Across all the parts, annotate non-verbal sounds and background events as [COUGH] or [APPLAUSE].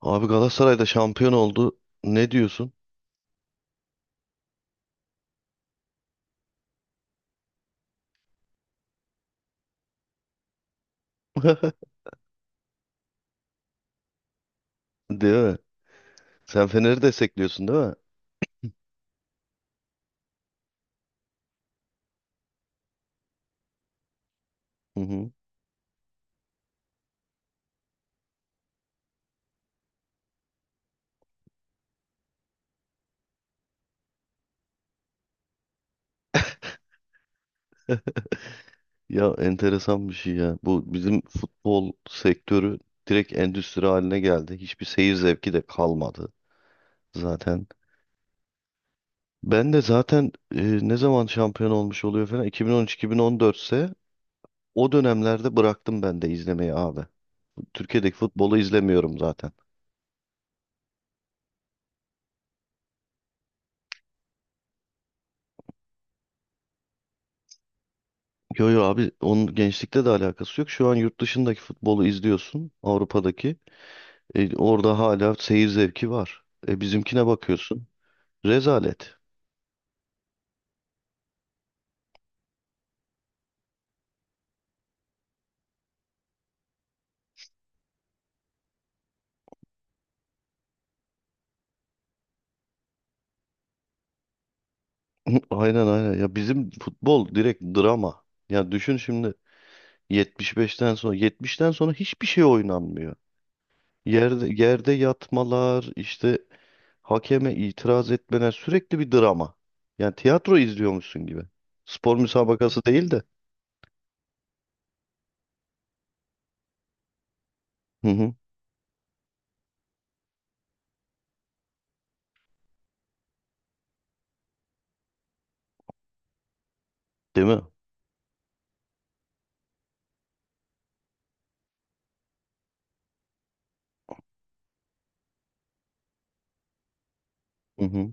Abi Galatasaray da şampiyon oldu. Ne diyorsun? [LAUGHS] Değil mi? Sen Fener'i destekliyorsun değil mi? Hı hı. Ya enteresan bir şey ya. Bu bizim futbol sektörü direkt endüstri haline geldi. Hiçbir seyir zevki de kalmadı zaten. Ben de zaten ne zaman şampiyon olmuş oluyor falan 2013-2014 ise o dönemlerde bıraktım ben de izlemeyi abi. Türkiye'deki futbolu izlemiyorum zaten. Yo yo abi onun gençlikte de alakası yok. Şu an yurt dışındaki futbolu izliyorsun. Avrupa'daki. Orada hala seyir zevki var. Bizimkine bakıyorsun. Rezalet. [LAUGHS] Aynen, aynen. Ya bizim futbol direkt drama. Ya düşün şimdi 75'ten sonra 70'ten sonra hiçbir şey oynanmıyor. Yerde yerde yatmalar, işte hakeme itiraz etmeler, sürekli bir drama. Yani tiyatro izliyormuşsun gibi. Spor müsabakası değil de. Hı hı. Değil mi? Hı hı.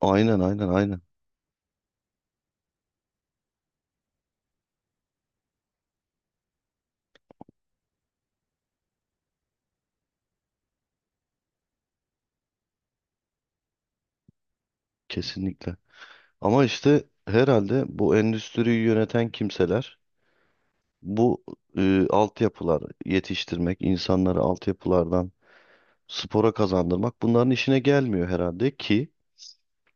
Aynen, aynen, aynen. Kesinlikle. Ama işte herhalde bu endüstriyi yöneten kimseler, bu, altyapılar yetiştirmek, insanları altyapılardan spora kazandırmak, bunların işine gelmiyor herhalde ki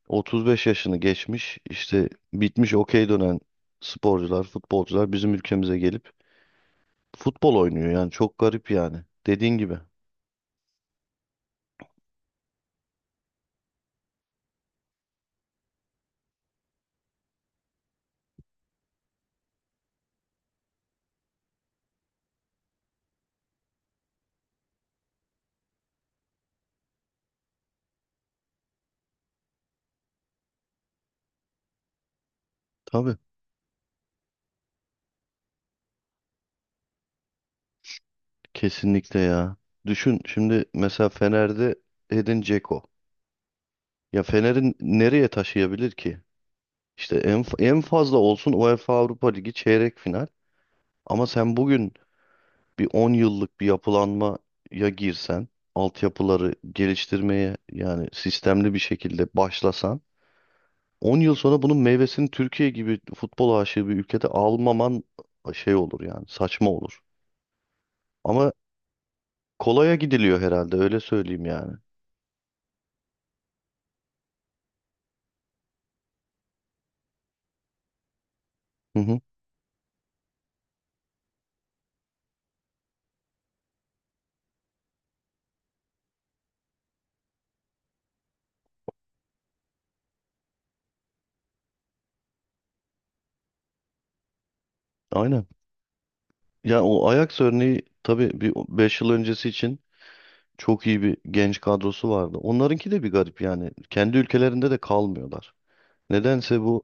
35 yaşını geçmiş, işte bitmiş, okey dönen sporcular, futbolcular bizim ülkemize gelip futbol oynuyor. Yani çok garip, yani dediğin gibi. Tabii, kesinlikle ya. Düşün şimdi mesela Fener'de Edin Dzeko. Ya Fener'in nereye taşıyabilir ki? İşte en fazla olsun UEFA Avrupa Ligi çeyrek final. Ama sen bugün bir 10 yıllık bir yapılanmaya girsen, altyapıları geliştirmeye yani sistemli bir şekilde başlasan, 10 yıl sonra bunun meyvesini Türkiye gibi futbol aşığı bir ülkede almaman şey olur, yani saçma olur. Ama kolaya gidiliyor herhalde, öyle söyleyeyim yani. Hı hı, aynen. Ya o Ajax örneği tabii, bir 5 yıl öncesi için çok iyi bir genç kadrosu vardı. Onlarınki de bir garip yani. Kendi ülkelerinde de kalmıyorlar. Nedense bu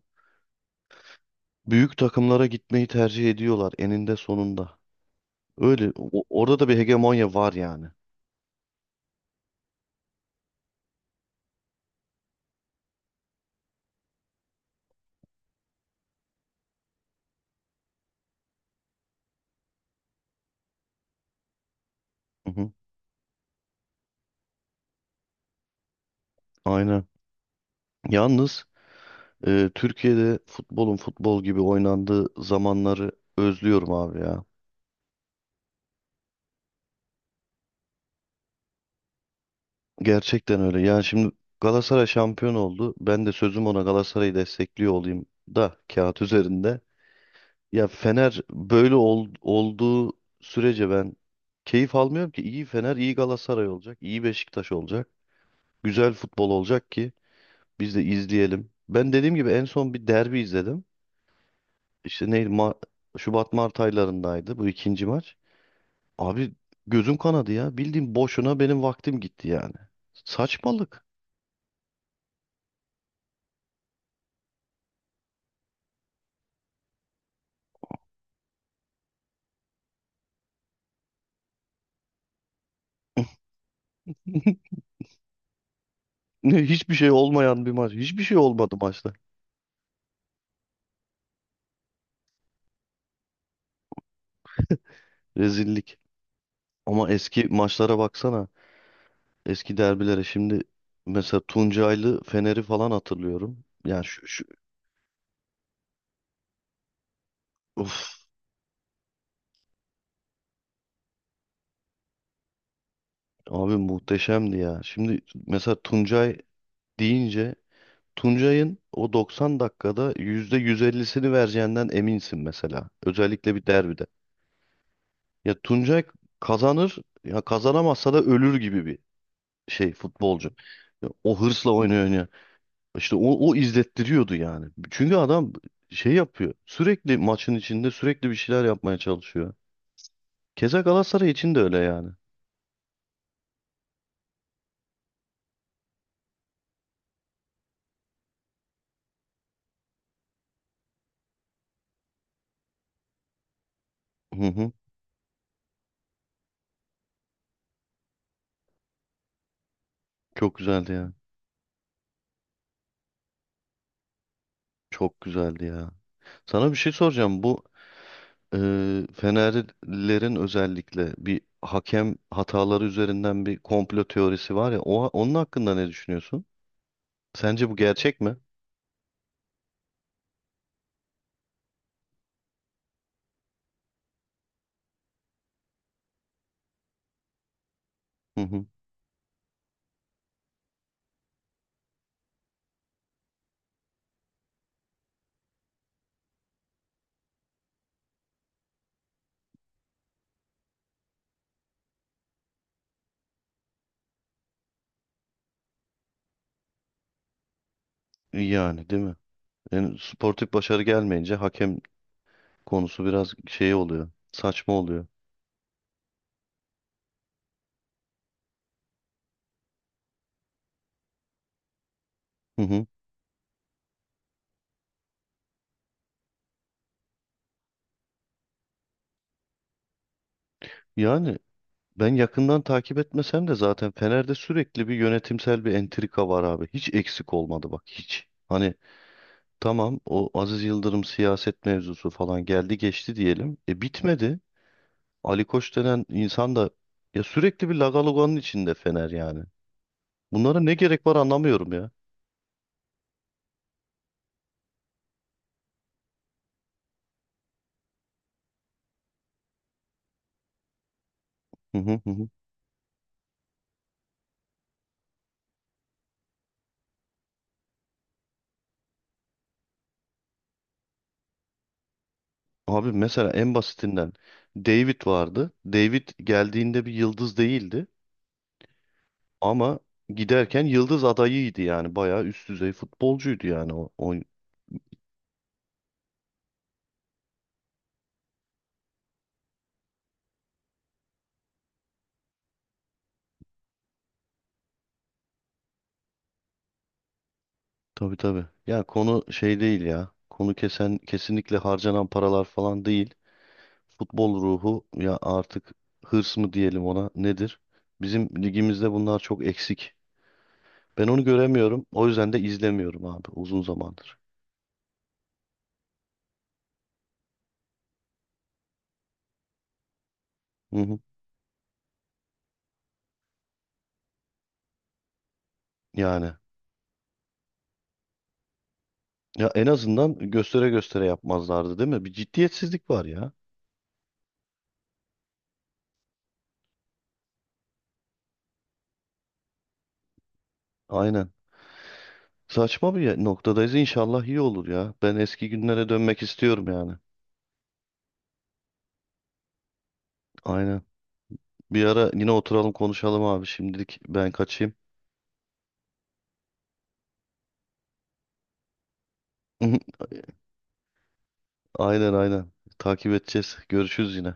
büyük takımlara gitmeyi tercih ediyorlar eninde sonunda. Öyle, orada da bir hegemonya var yani. Hı hı, aynen. Yalnız Türkiye'de futbolun futbol gibi oynandığı zamanları özlüyorum abi ya. Gerçekten öyle. Yani şimdi Galatasaray şampiyon oldu. Ben de sözüm ona Galatasaray'ı destekliyor olayım da, kağıt üzerinde. Ya Fener böyle olduğu sürece ben keyif almıyorum ki. İyi Fener, iyi Galatasaray olacak, iyi Beşiktaş olacak. Güzel futbol olacak ki biz de izleyelim. Ben dediğim gibi en son bir derbi izledim. İşte neydi? Şubat Mart aylarındaydı bu ikinci maç. Abi gözüm kanadı ya. Bildiğim boşuna benim vaktim gitti yani. Saçmalık. [LAUGHS] Ne, hiçbir şey olmayan bir maç. Hiçbir şey olmadı maçta. Rezillik. Ama eski maçlara baksana. Eski derbilere, şimdi mesela Tuncaylı Fener'i falan hatırlıyorum. Yani şu, of, abi muhteşemdi ya. Şimdi mesela Tuncay deyince, Tuncay'ın o 90 dakikada %150'sini vereceğinden eminsin mesela. Özellikle bir derbide. Ya Tuncay kazanır, ya kazanamazsa da ölür gibi bir şey futbolcu. Ya o hırsla oynuyor, oynuyor. İşte o izlettiriyordu yani. Çünkü adam şey yapıyor, sürekli maçın içinde sürekli bir şeyler yapmaya çalışıyor. Keza Galatasaray için de öyle yani. Hı hı. Çok güzeldi ya. Çok güzeldi ya. Sana bir şey soracağım. Bu, e, Fenerlilerin özellikle bir hakem hataları üzerinden bir komplo teorisi var ya. Onun hakkında ne düşünüyorsun? Sence bu gerçek mi? Hı hı. Yani değil mi? Yani sportif başarı gelmeyince hakem konusu biraz şey oluyor, saçma oluyor. Hı hı. Yani ben yakından takip etmesem de, zaten Fener'de sürekli bir yönetimsel bir entrika var abi. Hiç eksik olmadı, bak, hiç. Hani tamam, o Aziz Yıldırım siyaset mevzusu falan geldi geçti diyelim. Bitmedi. Ali Koç denen insan da ya, sürekli bir lagaloganın içinde Fener yani. Bunlara ne gerek var, anlamıyorum ya. Hı hı hı, hı. Abi mesela en basitinden, David vardı. David geldiğinde bir yıldız değildi ama giderken yıldız adayıydı yani. Bayağı üst düzey futbolcuydu yani o, o Tabii, tabii. Ya konu şey değil ya. Konu kesinlikle harcanan paralar falan değil. Futbol ruhu ya, artık hırs mı diyelim ona, nedir? Bizim ligimizde bunlar çok eksik. Ben onu göremiyorum. O yüzden de izlemiyorum abi, uzun zamandır. Hı hı. Yani ya en azından göstere göstere yapmazlardı değil mi? Bir ciddiyetsizlik var ya. Aynen. Saçma bir noktadayız. İnşallah iyi olur ya. Ben eski günlere dönmek istiyorum yani. Aynen. Bir ara yine oturalım, konuşalım abi. Şimdilik ben kaçayım. [LAUGHS] Aynen, aynen. Takip edeceğiz. Görüşürüz yine.